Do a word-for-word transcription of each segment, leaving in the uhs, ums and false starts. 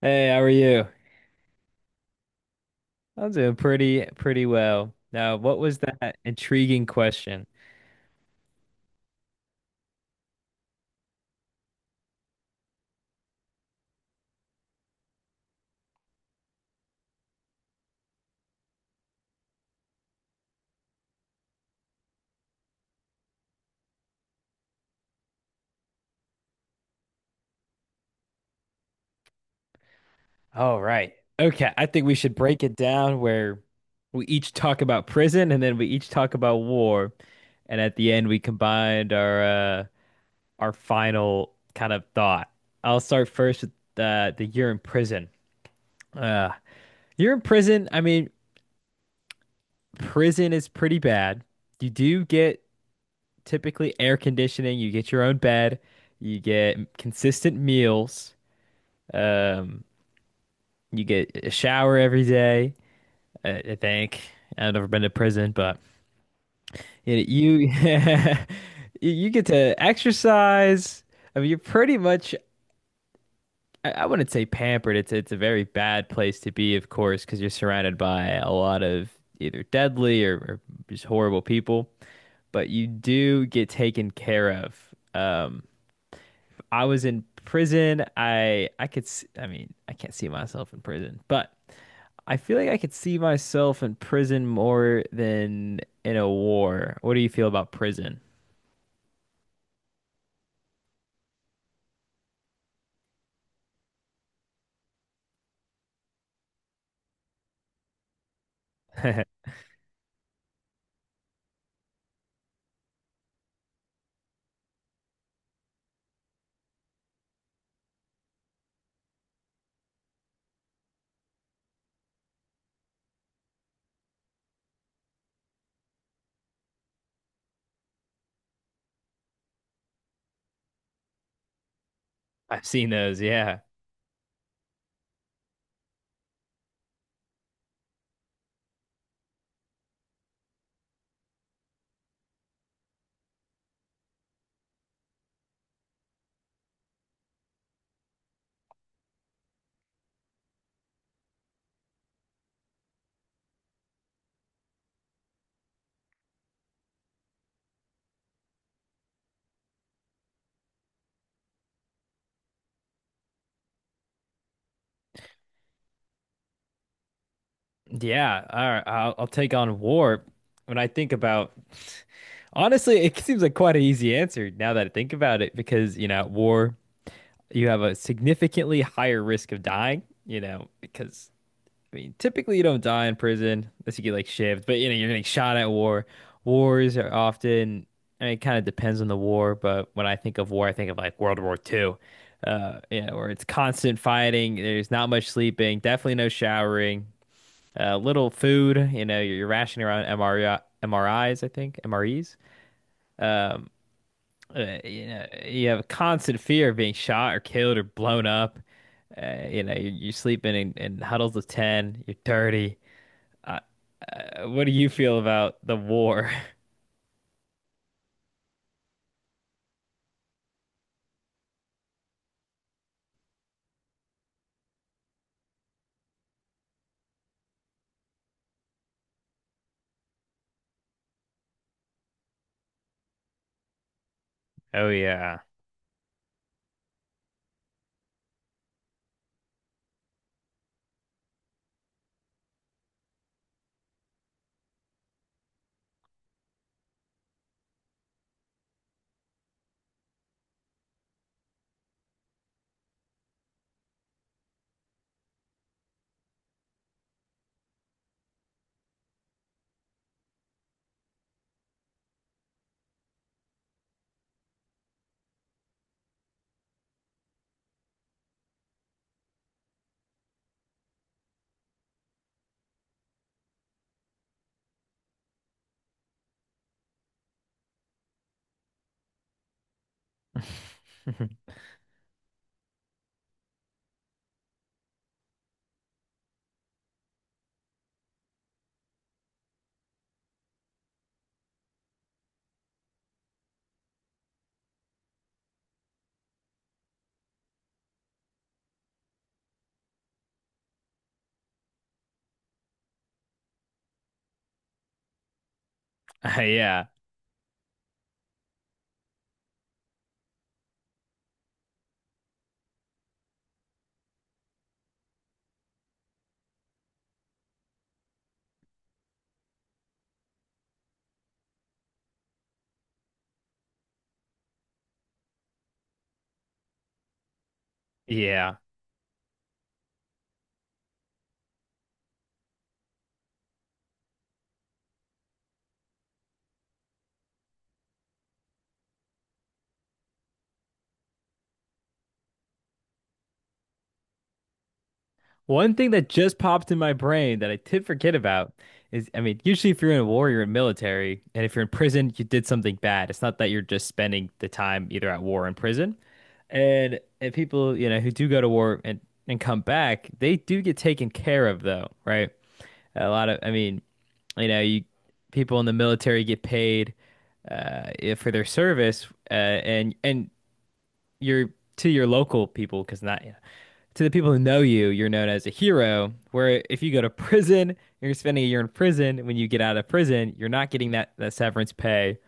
Hey, how are you? I'm doing pretty pretty well. Now, what was that intriguing question? All right. Okay, I think we should break it down where we each talk about prison and then we each talk about war, and at the end we combined our uh our final kind of thought. I'll start first with the the you're in prison. Uh, you're in prison. I mean, prison is pretty bad. You do get typically air conditioning. You get your own bed, you get consistent meals, um, you get a shower every day. I, I think I've never been to prison, but you you, you get to exercise. I mean, you're pretty much. I I wouldn't say pampered. It's it's a very bad place to be, of course, because you're surrounded by a lot of either deadly or, or just horrible people. But you do get taken care of. Um, I was in prison. I I could s I I mean, I can't see myself in prison, but I feel like I could see myself in prison more than in a war. What do you feel about prison? I've seen those, yeah. Yeah, all right, I'll, I'll take on war. When I think about, honestly, it seems like quite an easy answer now that I think about it, because, you know, at war, you have a significantly higher risk of dying, you know, because I mean, typically you don't die in prison unless you get like shivved, but you know, you're getting shot at war. Wars are often, I mean, it kind of depends on the war, but when I think of war, I think of like World War Two. Uh, yeah, where it's constant fighting, there's not much sleeping, definitely no showering, uh, little food, you know, you're, you're rationing around M R I, M R Is, I think, M R Es. Um, uh, you know, you have a constant fear of being shot or killed or blown up. Uh, you know, you're, you're sleeping in, in huddles of ten, you're dirty. Uh, What do you feel about the war? Oh yeah. Uh, yeah. Yeah. One thing that just popped in my brain that I did forget about is, I mean, usually if you're in a war, you're in military, and if you're in prison, you did something bad. It's not that you're just spending the time either at war or in prison. And, and people, you know, who do go to war and, and come back, they do get taken care of though, right? A lot of, I mean, you know, you people in the military get paid uh, if- for their service, uh, and and you're to your local people because not you know, to the people who know you, you're known as a hero. Where if you go to prison, you're spending a year in prison. When you get out of prison, you're not getting that that severance pay.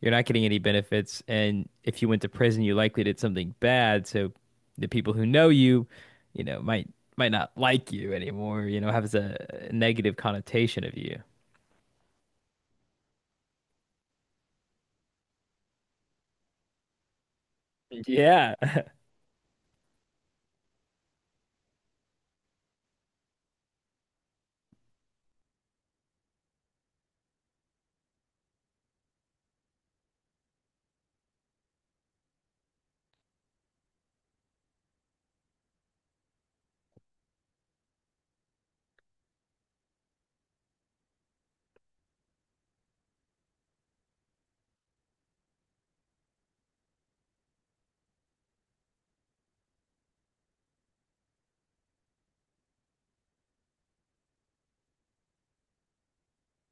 You're not getting any benefits. And if you went to prison, you likely did something bad. So the people who know you, you know, might might not like you anymore. You know, has a negative connotation of you. Yeah.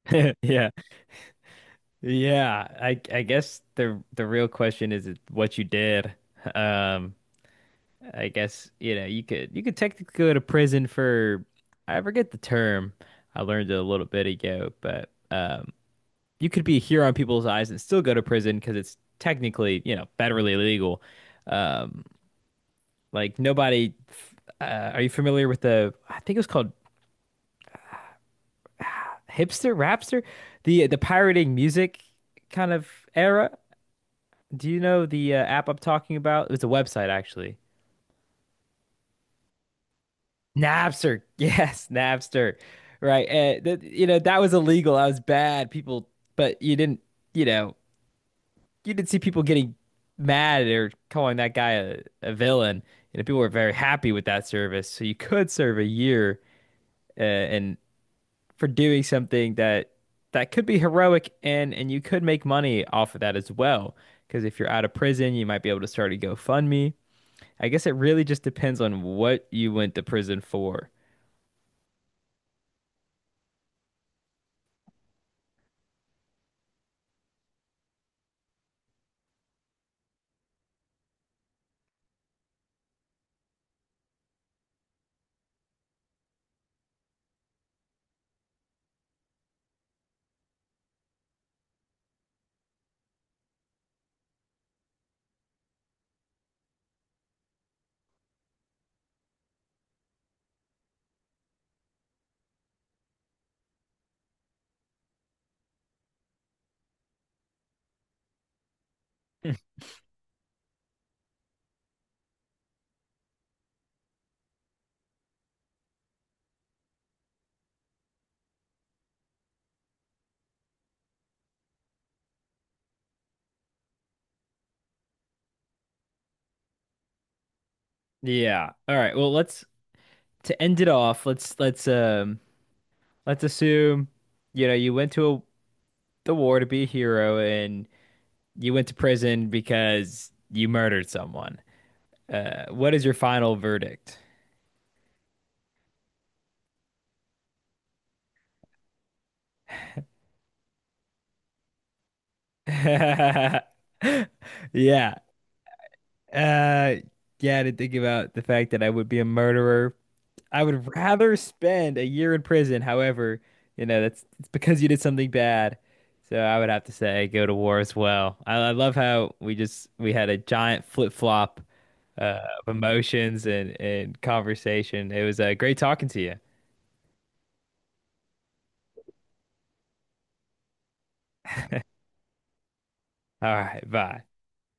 Yeah. Yeah, I I guess the the real question is what you did. Um, I guess you know you could you could technically go to prison for I forget the term. I learned it a little bit ago, but um, you could be here on people's eyes and still go to prison because it's technically you know federally illegal. Um, like nobody. f- Uh, are you familiar with the? I think it was called hipster, rapster, the the pirating music kind of era. Do you know the uh, app I'm talking about? It's a website actually. Napster. Yes, Napster. Right. And th you know, that was illegal. That was bad. People, but you didn't, you know, you didn't see people getting mad or calling that guy a, a villain. You know, people were very happy with that service. So you could serve a year uh, and for doing something that that could be heroic and and you could make money off of that as well. Because if you're out of prison, you might be able to start a GoFundMe. I guess it really just depends on what you went to prison for. Yeah. All right. Well, let's to end it off. Let's let's um let's assume you know you went to a, the war to be a hero and you went to prison because you murdered someone. Uh, what is your final verdict? Yeah. Uh, yeah, I didn't think about the fact that I would be a murderer. I would rather spend a year in prison. However, you know, that's it's because you did something bad. So I would have to say go to war as well. I, I love how we just we had a giant flip-flop uh, of emotions and, and conversation. It was uh, great talking to you. All right, bye.